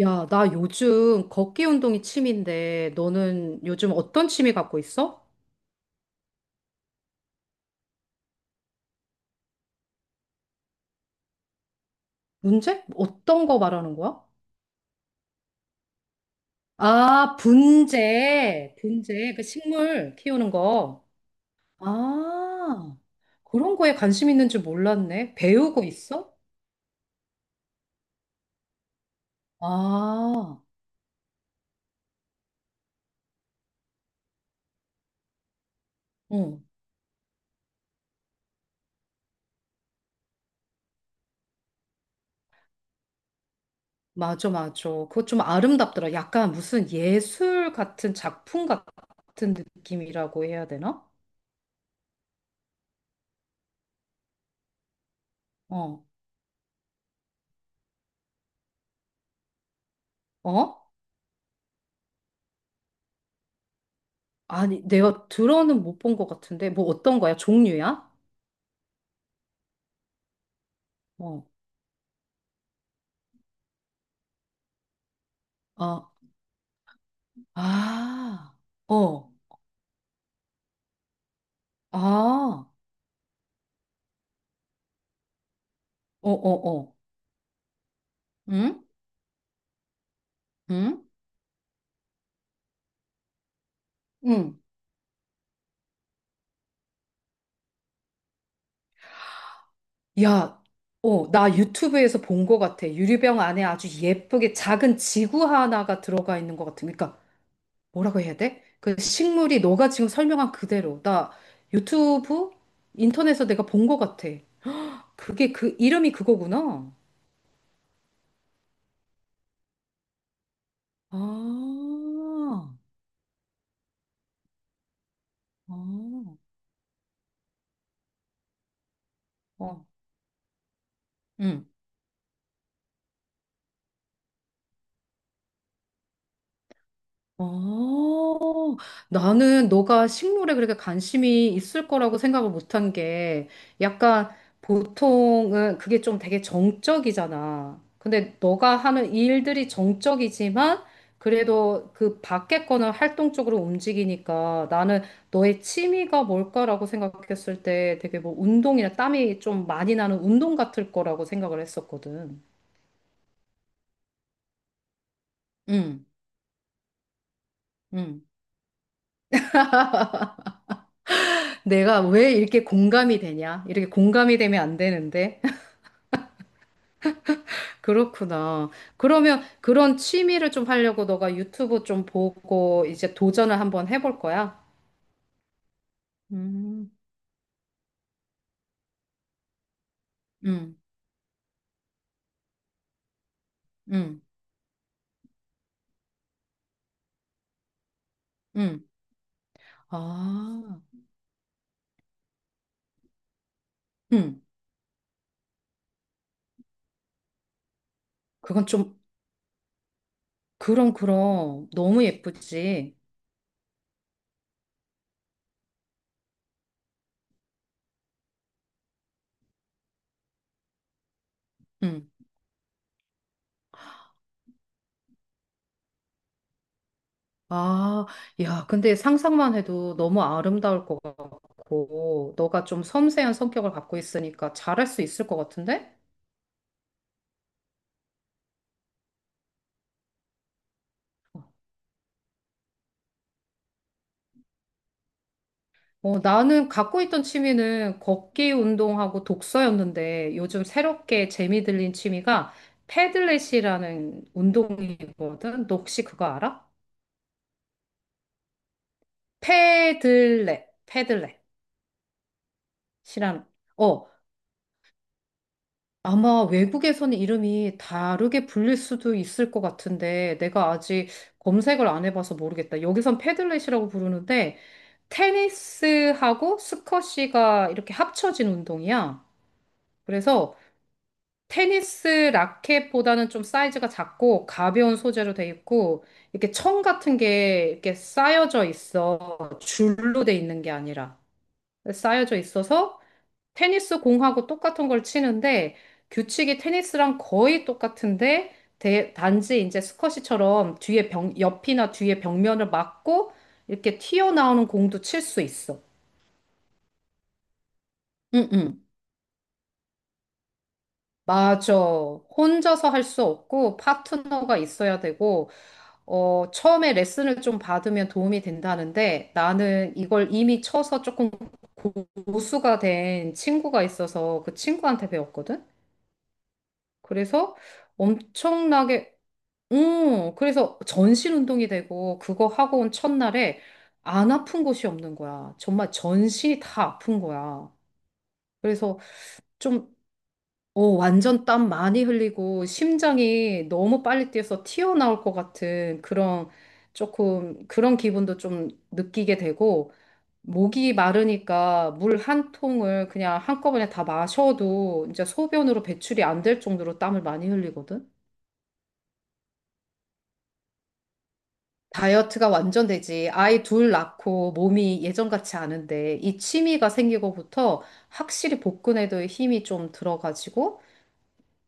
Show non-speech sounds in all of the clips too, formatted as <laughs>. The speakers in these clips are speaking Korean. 야, 나 요즘 걷기 운동이 취미인데, 너는 요즘 어떤 취미 갖고 있어? 문제? 어떤 거 말하는 거야? 아, 분재. 분재. 그 식물 키우는 거. 아, 그런 거에 관심 있는 줄 몰랐네. 배우고 있어? 아, 응. 맞아, 맞아. 그거 좀 아름답더라. 약간 무슨 예술 같은 작품 같은 느낌이라고 해야 되나? 어, 어? 아니, 내가 들어는 못 본 것 같은데, 뭐 어떤 거야? 종류야? 어, 아, 아, 어, 아, 어, 어, 어. 응? 응? 응. 야, 나 유튜브에서 본 것 같아. 유리병 안에 아주 예쁘게 작은 지구 하나가 들어가 있는 것 같은. 그러니까, 뭐라고 해야 돼? 그 식물이 너가 지금 설명한 그대로. 나 유튜브? 인터넷에서 내가 본 것 같아. 그게 이름이 그거구나. 아, 아. 어. 응. 어, 나는 너가 식물에 그렇게 관심이 있을 거라고 생각을 못한 게 약간 보통은 그게 좀 되게 정적이잖아. 근데 너가 하는 일들이 정적이지만 그래도 그 밖에 거는 활동적으로 움직이니까 나는 너의 취미가 뭘까라고 생각했을 때 되게 뭐 운동이나 땀이 좀 많이 나는 운동 같을 거라고 생각을 했었거든. 응, 응. 내가 왜 이렇게 공감이 되냐? 이렇게 공감이 되면 안 되는데. <laughs> 그렇구나. 그러면 그런 취미를 좀 하려고 너가 유튜브 좀 보고 이제 도전을 한번 해볼 거야? 음, 음, 음, 음. 아, 음. 그건 좀, 그럼, 그럼. 너무 예쁘지? 음. 아, 야, 근데 상상만 해도 너무 아름다울 것 같고, 너가 좀 섬세한 성격을 갖고 있으니까 잘할 수 있을 것 같은데? 나는 갖고 있던 취미는 걷기 운동하고 독서였는데 요즘 새롭게 재미 들린 취미가 패들렛이라는 운동이거든. 너 혹시 그거 알아? 패들렛, 패들렛이라는. 어, 아마 외국에서는 이름이 다르게 불릴 수도 있을 것 같은데 내가 아직 검색을 안 해봐서 모르겠다. 여기선 패들렛이라고 부르는데 테니스하고 스쿼시가 이렇게 합쳐진 운동이야. 그래서 테니스 라켓보다는 좀 사이즈가 작고 가벼운 소재로 돼 있고 이렇게 천 같은 게 이렇게 쌓여져 있어. 줄로 돼 있는 게 아니라 쌓여져 있어서 테니스 공하고 똑같은 걸 치는데 규칙이 테니스랑 거의 똑같은데 단지 이제 스쿼시처럼 뒤에 벽, 옆이나 뒤에 벽면을 막고 이렇게 튀어나오는 공도 칠 수 있어. 응, 응. 맞아. 혼자서 할 수 없고 파트너가 있어야 되고 처음에 레슨을 좀 받으면 도움이 된다는데 나는 이걸 이미 쳐서 조금 고수가 된 친구가 있어서 그 친구한테 배웠거든? 그래서 엄청나게, 그래서 전신 운동이 되고 그거 하고 온 첫날에 안 아픈 곳이 없는 거야. 정말 전신이 다 아픈 거야. 그래서 좀 완전 땀 많이 흘리고 심장이 너무 빨리 뛰어서 튀어나올 것 같은 그런 조금 그런 기분도 좀 느끼게 되고 목이 마르니까 물 한 통을 그냥 한꺼번에 다 마셔도 이제 소변으로 배출이 안 될 정도로 땀을 많이 흘리거든. 다이어트가 완전 되지. 아이 둘 낳고 몸이 예전 같지 않은데 이 취미가 생기고부터 확실히 복근에도 힘이 좀 들어가지고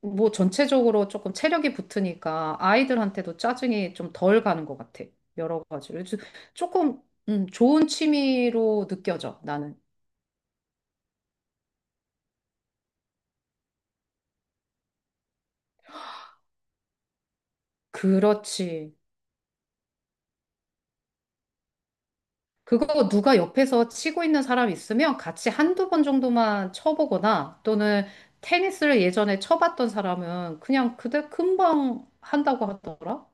뭐 전체적으로 조금 체력이 붙으니까 아이들한테도 짜증이 좀 덜 가는 것 같아. 여러 가지로. 그래서 조금 좋은 취미로 느껴져, 나는. 그렇지. 그거 누가 옆에서 치고 있는 사람 있으면 같이 한두 번 정도만 쳐보거나 또는 테니스를 예전에 쳐봤던 사람은 그냥 그대 금방 한다고 하더라.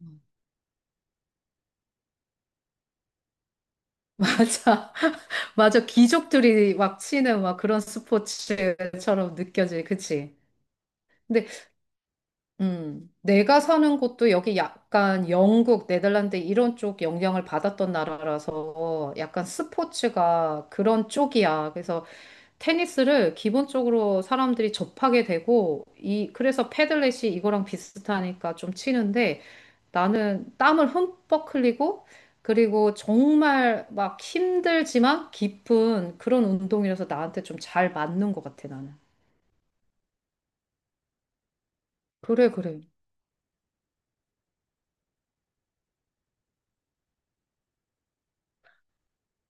음. <laughs> 맞아. 맞아. 귀족들이 막 치는 막 그런 스포츠처럼 느껴지. 그치? 근데 내가 사는 곳도 여기 약간 영국, 네덜란드 이런 쪽 영향을 받았던 나라라서 약간 스포츠가 그런 쪽이야. 그래서 테니스를 기본적으로 사람들이 접하게 되고, 그래서 패들렛이 이거랑 비슷하니까 좀 치는데 나는 땀을 흠뻑 흘리고, 그리고 정말 막 힘들지만 깊은 그런 운동이라서 나한테 좀 잘 맞는 것 같아, 나는. 그래, 그래.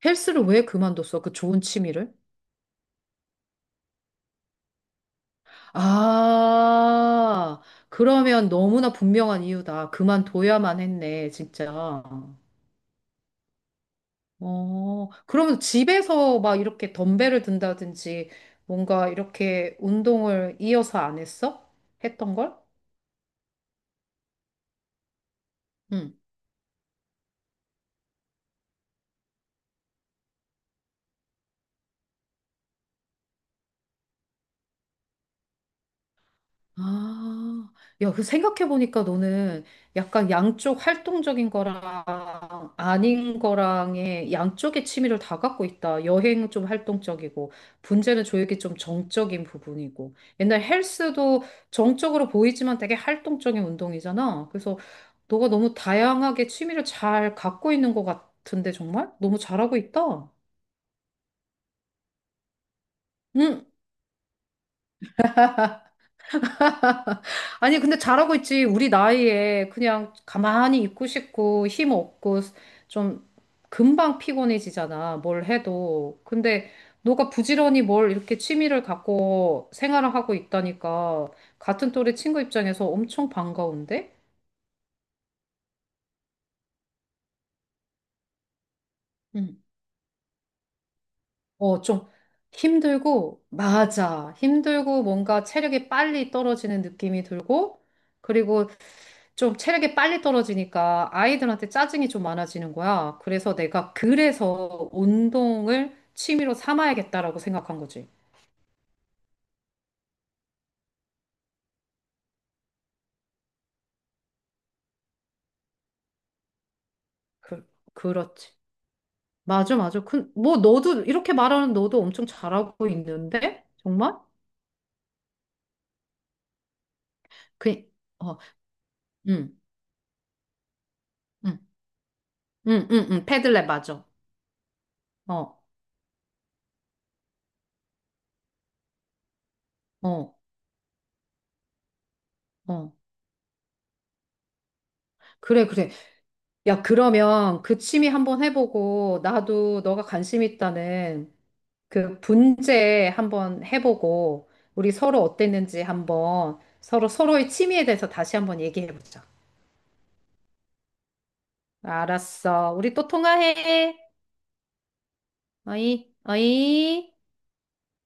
헬스를 왜 그만뒀어? 그 좋은 취미를? 아, 그러면 너무나 분명한 이유다. 그만둬야만 했네, 진짜. 그러면 집에서 막 이렇게 덤벨을 든다든지 뭔가 이렇게 운동을 이어서 안 했어? 했던 걸? 응. 아, 야, 생각해보니까 너는 약간 양쪽 활동적인 거랑 아닌 거랑의 양쪽의 취미를 다 갖고 있다. 여행은 좀 활동적이고, 분재는 조육이 좀 정적인 부분이고, 옛날 헬스도 정적으로 보이지만 되게 활동적인 운동이잖아. 그래서 너가 너무 다양하게 취미를 잘 갖고 있는 것 같은데, 정말? 너무 잘하고 있다. 응, 아니, 근데 잘하고 있지. 우리 나이에 그냥 가만히 있고 싶고 힘 없고 좀 금방 피곤해지잖아. 뭘 해도. 근데 너가 부지런히 뭘 이렇게 취미를 갖고 생활을 하고 있다니까 같은 또래 친구 입장에서 엄청 반가운데? 응. 좀 힘들고, 맞아. 힘들고, 뭔가 체력이 빨리 떨어지는 느낌이 들고, 그리고 좀 체력이 빨리 떨어지니까 아이들한테 짜증이 좀 많아지는 거야. 그래서 내가 그래서 운동을 취미로 삼아야겠다라고 생각한 거지. 그, 그렇지. 맞아, 맞아. 뭐, 이렇게 말하는 너도 엄청 잘하고 있는데? 정말? 그, 어, 응, 응, 응, 응, 응, 패들렛 맞아. 어, 어, 어. 그래, 그래. 야, 그러면 그 취미 한번 해보고, 나도 너가 관심 있다는 그 분재 한번 해보고, 우리 서로 어땠는지 한번 서로 서로의 취미에 대해서 다시 한번 얘기해보자. 알았어. 우리 또 통화해. 어이, 어이.